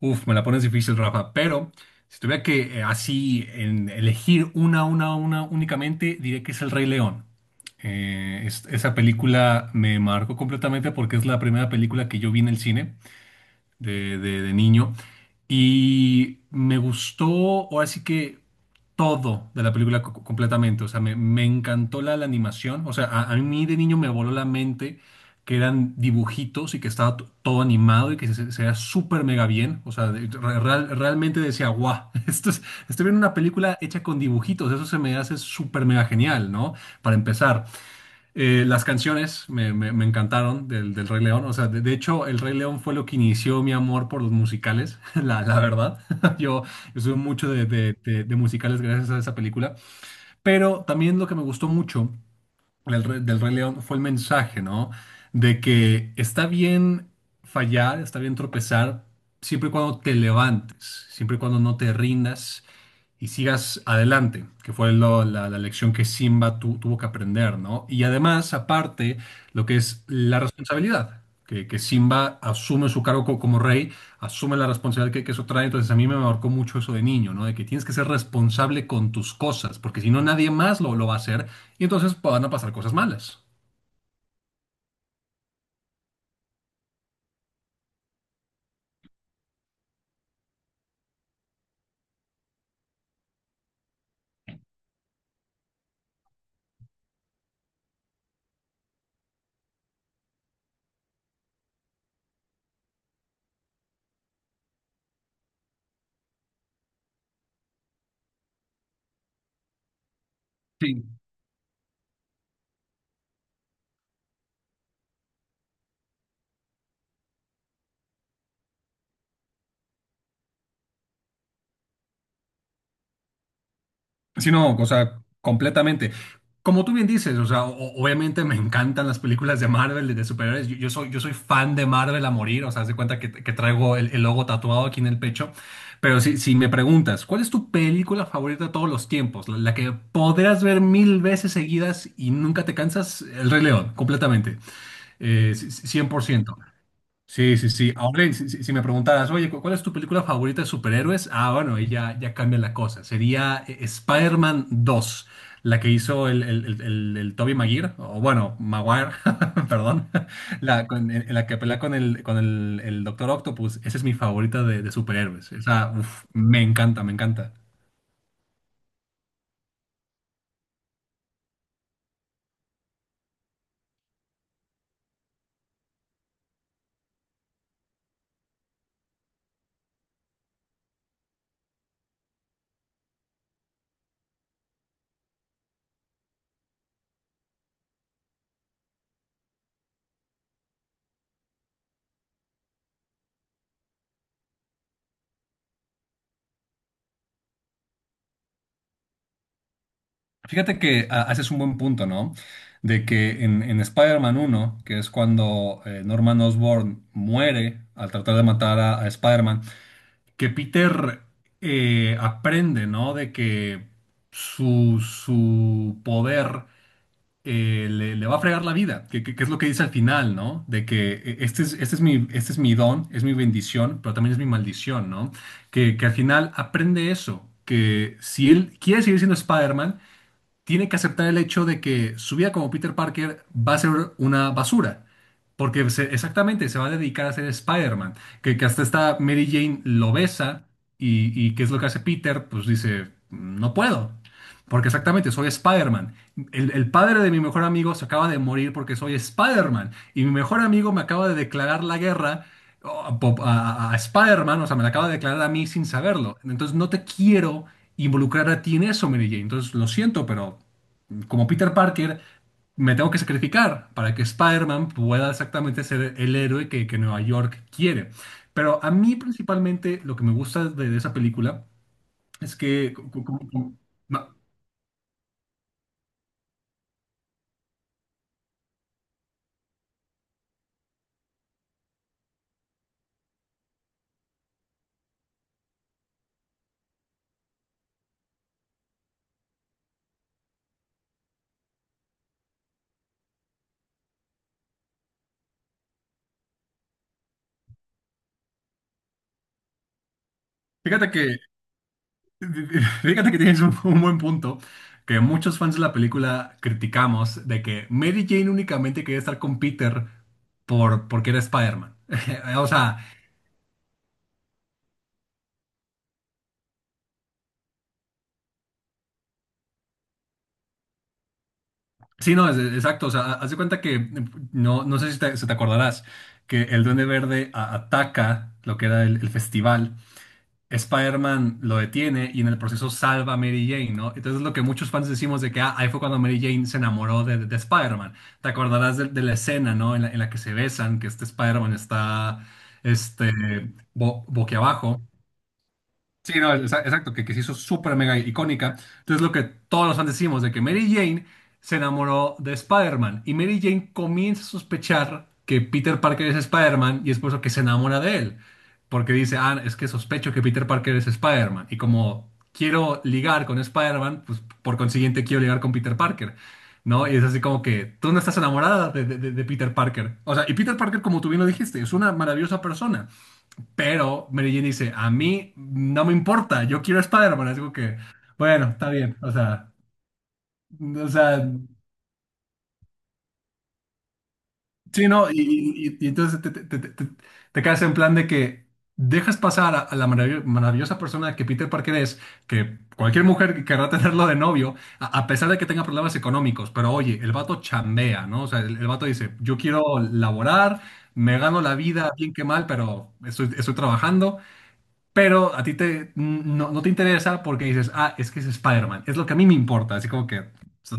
Uf, me la pones difícil, Rafa, pero si tuviera que así elegir una únicamente, diría que es El Rey León. Esa película me marcó completamente porque es la primera película que yo vi en el cine de niño y me gustó, o así que todo de la película completamente, o sea, me encantó la animación, o sea, a mí de niño me voló la mente que eran dibujitos y que estaba todo animado y que se veía súper mega bien, o sea, realmente decía, guau, esto es, estoy viendo una película hecha con dibujitos, eso se me hace súper mega genial, ¿no? Para empezar. Las canciones me encantaron del Rey León. O sea, de hecho, el Rey León fue lo que inició mi amor por los musicales, la verdad. Yo, yo soy mucho de musicales gracias a esa película. Pero también lo que me gustó mucho del Rey León fue el mensaje, ¿no? De que está bien fallar, está bien tropezar, siempre y cuando te levantes, siempre y cuando no te rindas y sigas adelante, que fue la lección que Simba tuvo que aprender, ¿no? Y además, aparte, lo que es la responsabilidad, que Simba asume su cargo como rey, asume la responsabilidad que eso trae, entonces a mí me marcó mucho eso de niño, ¿no? De que tienes que ser responsable con tus cosas, porque si no nadie más lo va a hacer y entonces van a pasar cosas malas. Sí, no, o sea, completamente. Como tú bien dices, o sea, obviamente me encantan las películas de Marvel, de superhéroes. Yo soy fan de Marvel a morir, o sea, haz de cuenta que traigo el logo tatuado aquí en el pecho. Pero si me preguntas, ¿cuál es tu película favorita de todos los tiempos? La que podrás ver mil veces seguidas y nunca te cansas, El Rey León, completamente, 100%. Sí, sí, sí. Ahora, si me preguntaras, oye, ¿cuál es tu película favorita de superhéroes? Ah, bueno, ahí ya cambia la cosa. Sería Spider-Man 2, la que hizo el Tobey Maguire, o bueno, Maguire, perdón, la, en la que pelea con el Doctor Octopus. Esa es mi favorita de superhéroes. Esa, uf, me encanta, me encanta. Fíjate que haces un buen punto, ¿no?, de que en Spider-Man 1, que es cuando Norman Osborn muere al tratar de matar a Spider-Man, que Peter aprende, ¿no? De que su poder le va a fregar la vida, que es lo que dice al final, ¿no? De que este es mi don, es mi bendición, pero también es mi maldición, ¿no? Que al final aprende eso, que si él quiere seguir siendo Spider-Man, tiene que aceptar el hecho de que su vida como Peter Parker va a ser una basura. Porque exactamente se va a dedicar a ser Spider-Man. Que hasta esta Mary Jane lo besa y ¿qué es lo que hace Peter? Pues dice, no puedo. Porque exactamente, soy Spider-Man. El padre de mi mejor amigo se acaba de morir porque soy Spider-Man. Y mi mejor amigo me acaba de declarar la guerra a, a Spider-Man, o sea, me la acaba de declarar a mí sin saberlo. Entonces no te quiero involucrar a ti en eso, Mary Jane. Entonces lo siento, pero como Peter Parker, me tengo que sacrificar para que Spider-Man pueda exactamente ser el héroe que Nueva York quiere. Pero a mí principalmente lo que me gusta de esa película es que Fíjate que, fíjate que tienes un buen punto, que muchos fans de la película criticamos de que Mary Jane únicamente quería estar con Peter porque era Spider-Man. O sea, sí, no, exacto. O sea, haz de cuenta que, no, no sé si te, si te acordarás, que el Duende Verde ataca lo que era el festival. Spider-Man lo detiene y en el proceso salva a Mary Jane, ¿no? Entonces lo que muchos fans decimos de que ahí fue cuando Mary Jane se enamoró de Spider-Man. Te acordarás de la escena, ¿no? En la que se besan, que este Spider-Man está este, boquiabajo. Sí, no, exacto, que se hizo súper mega icónica. Entonces, lo que todos los fans decimos de que Mary Jane se enamoró de Spider-Man y Mary Jane comienza a sospechar que Peter Parker es Spider-Man y es por eso que se enamora de él. Porque dice, ah, es que sospecho que Peter Parker es Spider-Man. Y como quiero ligar con Spider-Man, pues por consiguiente quiero ligar con Peter Parker. ¿No? Y es así como que tú no estás enamorada de Peter Parker. O sea, y Peter Parker, como tú bien lo dijiste, es una maravillosa persona. Pero Mary Jane dice, a mí no me importa, yo quiero a Spider-Man. Es como que, bueno, está bien. O sea, sí, ¿no? Y, y entonces te quedas en plan de que dejas pasar a la maravillosa persona que Peter Parker es, que cualquier mujer que querrá tenerlo de novio, a pesar de que tenga problemas económicos. Pero oye, el vato chambea, ¿no? O sea, el vato dice, yo quiero laborar, me gano la vida bien que mal, pero estoy trabajando. Pero a ti te, no, no te interesa porque dices, ah, es que es Spider-Man, es lo que a mí me importa, así como que... o sea,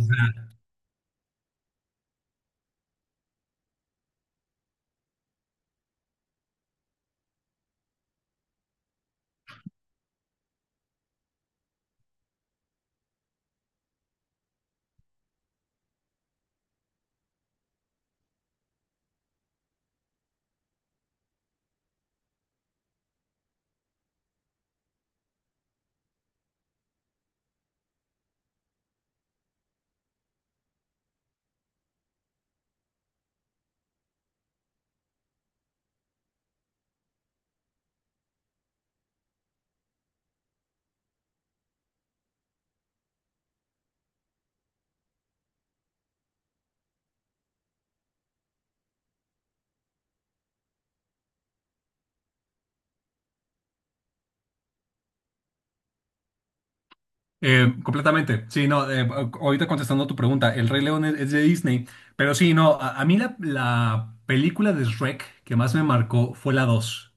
completamente. Sí, no, ahorita contestando tu pregunta, El Rey León es de Disney, pero sí, no, a mí la película de Shrek que más me marcó fue la dos,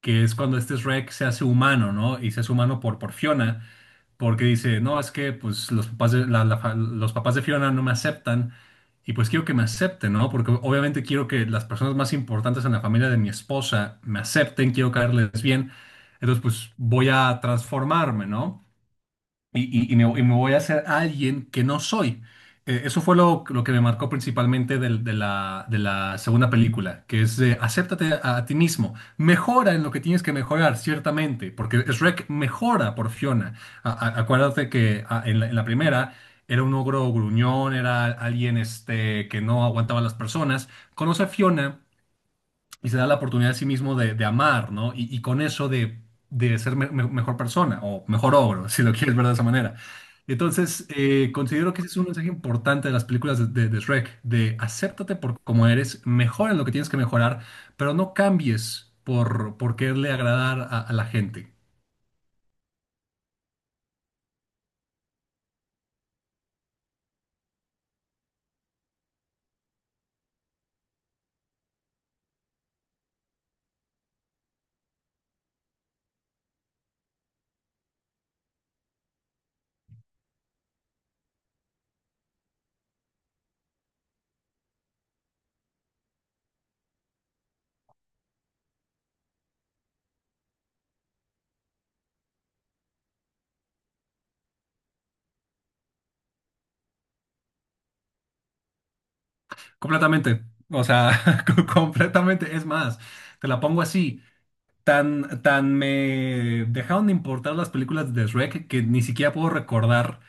que es cuando este Shrek se hace humano, ¿no? Y se hace humano por Fiona. Porque dice, no, es que pues los papás de, los papás de Fiona no me aceptan y pues quiero que me acepten, ¿no? Porque obviamente quiero que las personas más importantes en la familia de mi esposa me acepten, quiero caerles bien, entonces pues voy a transformarme, ¿no?, y, y me voy a hacer alguien que no soy. Eso fue lo que me marcó principalmente de la segunda película, que es de acéptate a ti mismo, mejora en lo que tienes que mejorar, ciertamente, porque Shrek mejora por Fiona. Acuérdate que en la primera era un ogro gruñón, era alguien este, que no aguantaba a las personas. Conoce a Fiona y se da la oportunidad a sí mismo de amar, ¿no? Y con eso de ser mejor persona o mejor ogro, si lo quieres ver de esa manera. Entonces, considero que ese es un mensaje importante de las películas de Shrek, de acéptate por como eres, mejora en lo que tienes que mejorar, pero no cambies por quererle agradar a la gente. Completamente, o sea, completamente. Es más, te la pongo así. Tan me dejaron de importar las películas de Shrek que ni siquiera puedo recordar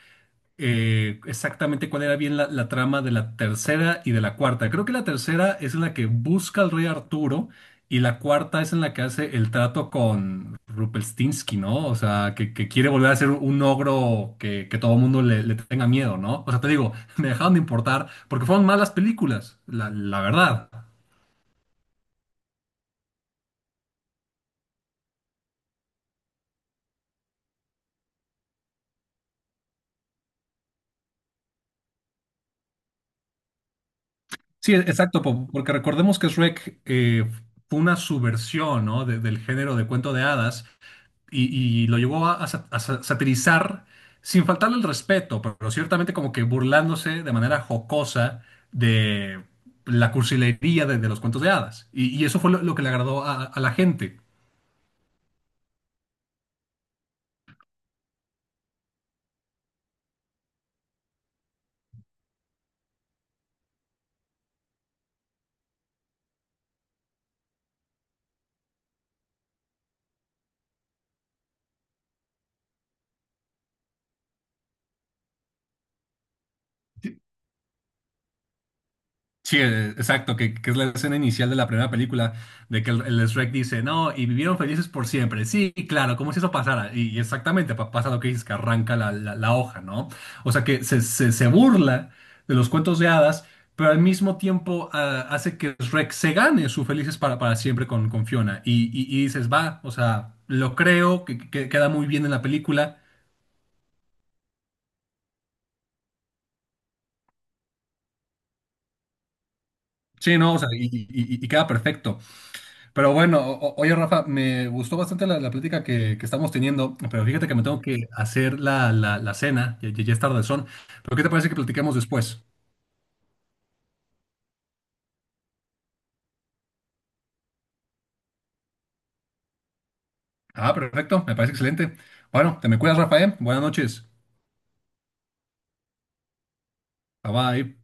exactamente cuál era bien la trama de la tercera y de la cuarta. Creo que la tercera es en la que busca al rey Arturo y la cuarta es en la que hace el trato con Rupelstinsky, ¿no? O sea, que quiere volver a ser un ogro que todo el mundo le, le tenga miedo, ¿no? O sea, te digo, me dejaron de importar porque fueron malas películas, la verdad. Sí, exacto, porque recordemos que Shrek fue una subversión, ¿no?, del género de cuento de hadas y lo llevó satirizar sin faltarle el respeto, pero ciertamente como que burlándose de manera jocosa de la cursilería de los cuentos de hadas. Y eso fue lo que le agradó a la gente. Sí, exacto, que es la escena inicial de la primera película, de que el Shrek dice, no, y vivieron felices por siempre. Sí, claro, como si eso pasara. Y exactamente pasa lo que dices, que arranca la, la hoja, ¿no? O sea, que se, se burla de los cuentos de hadas, pero al mismo tiempo hace que Shrek se gane su felices para siempre con Fiona. Y, y dices, va, o sea, lo creo, que, queda muy bien en la película. Sí, no, o sea, y, y queda perfecto. Pero bueno, oye Rafa, me gustó bastante la plática que estamos teniendo, pero fíjate que me tengo que hacer la cena, ya es tardezón. Pero ¿qué te parece que platiquemos después? Ah, perfecto, me parece excelente. Bueno, te me cuidas, Rafael. Buenas noches. Bye bye.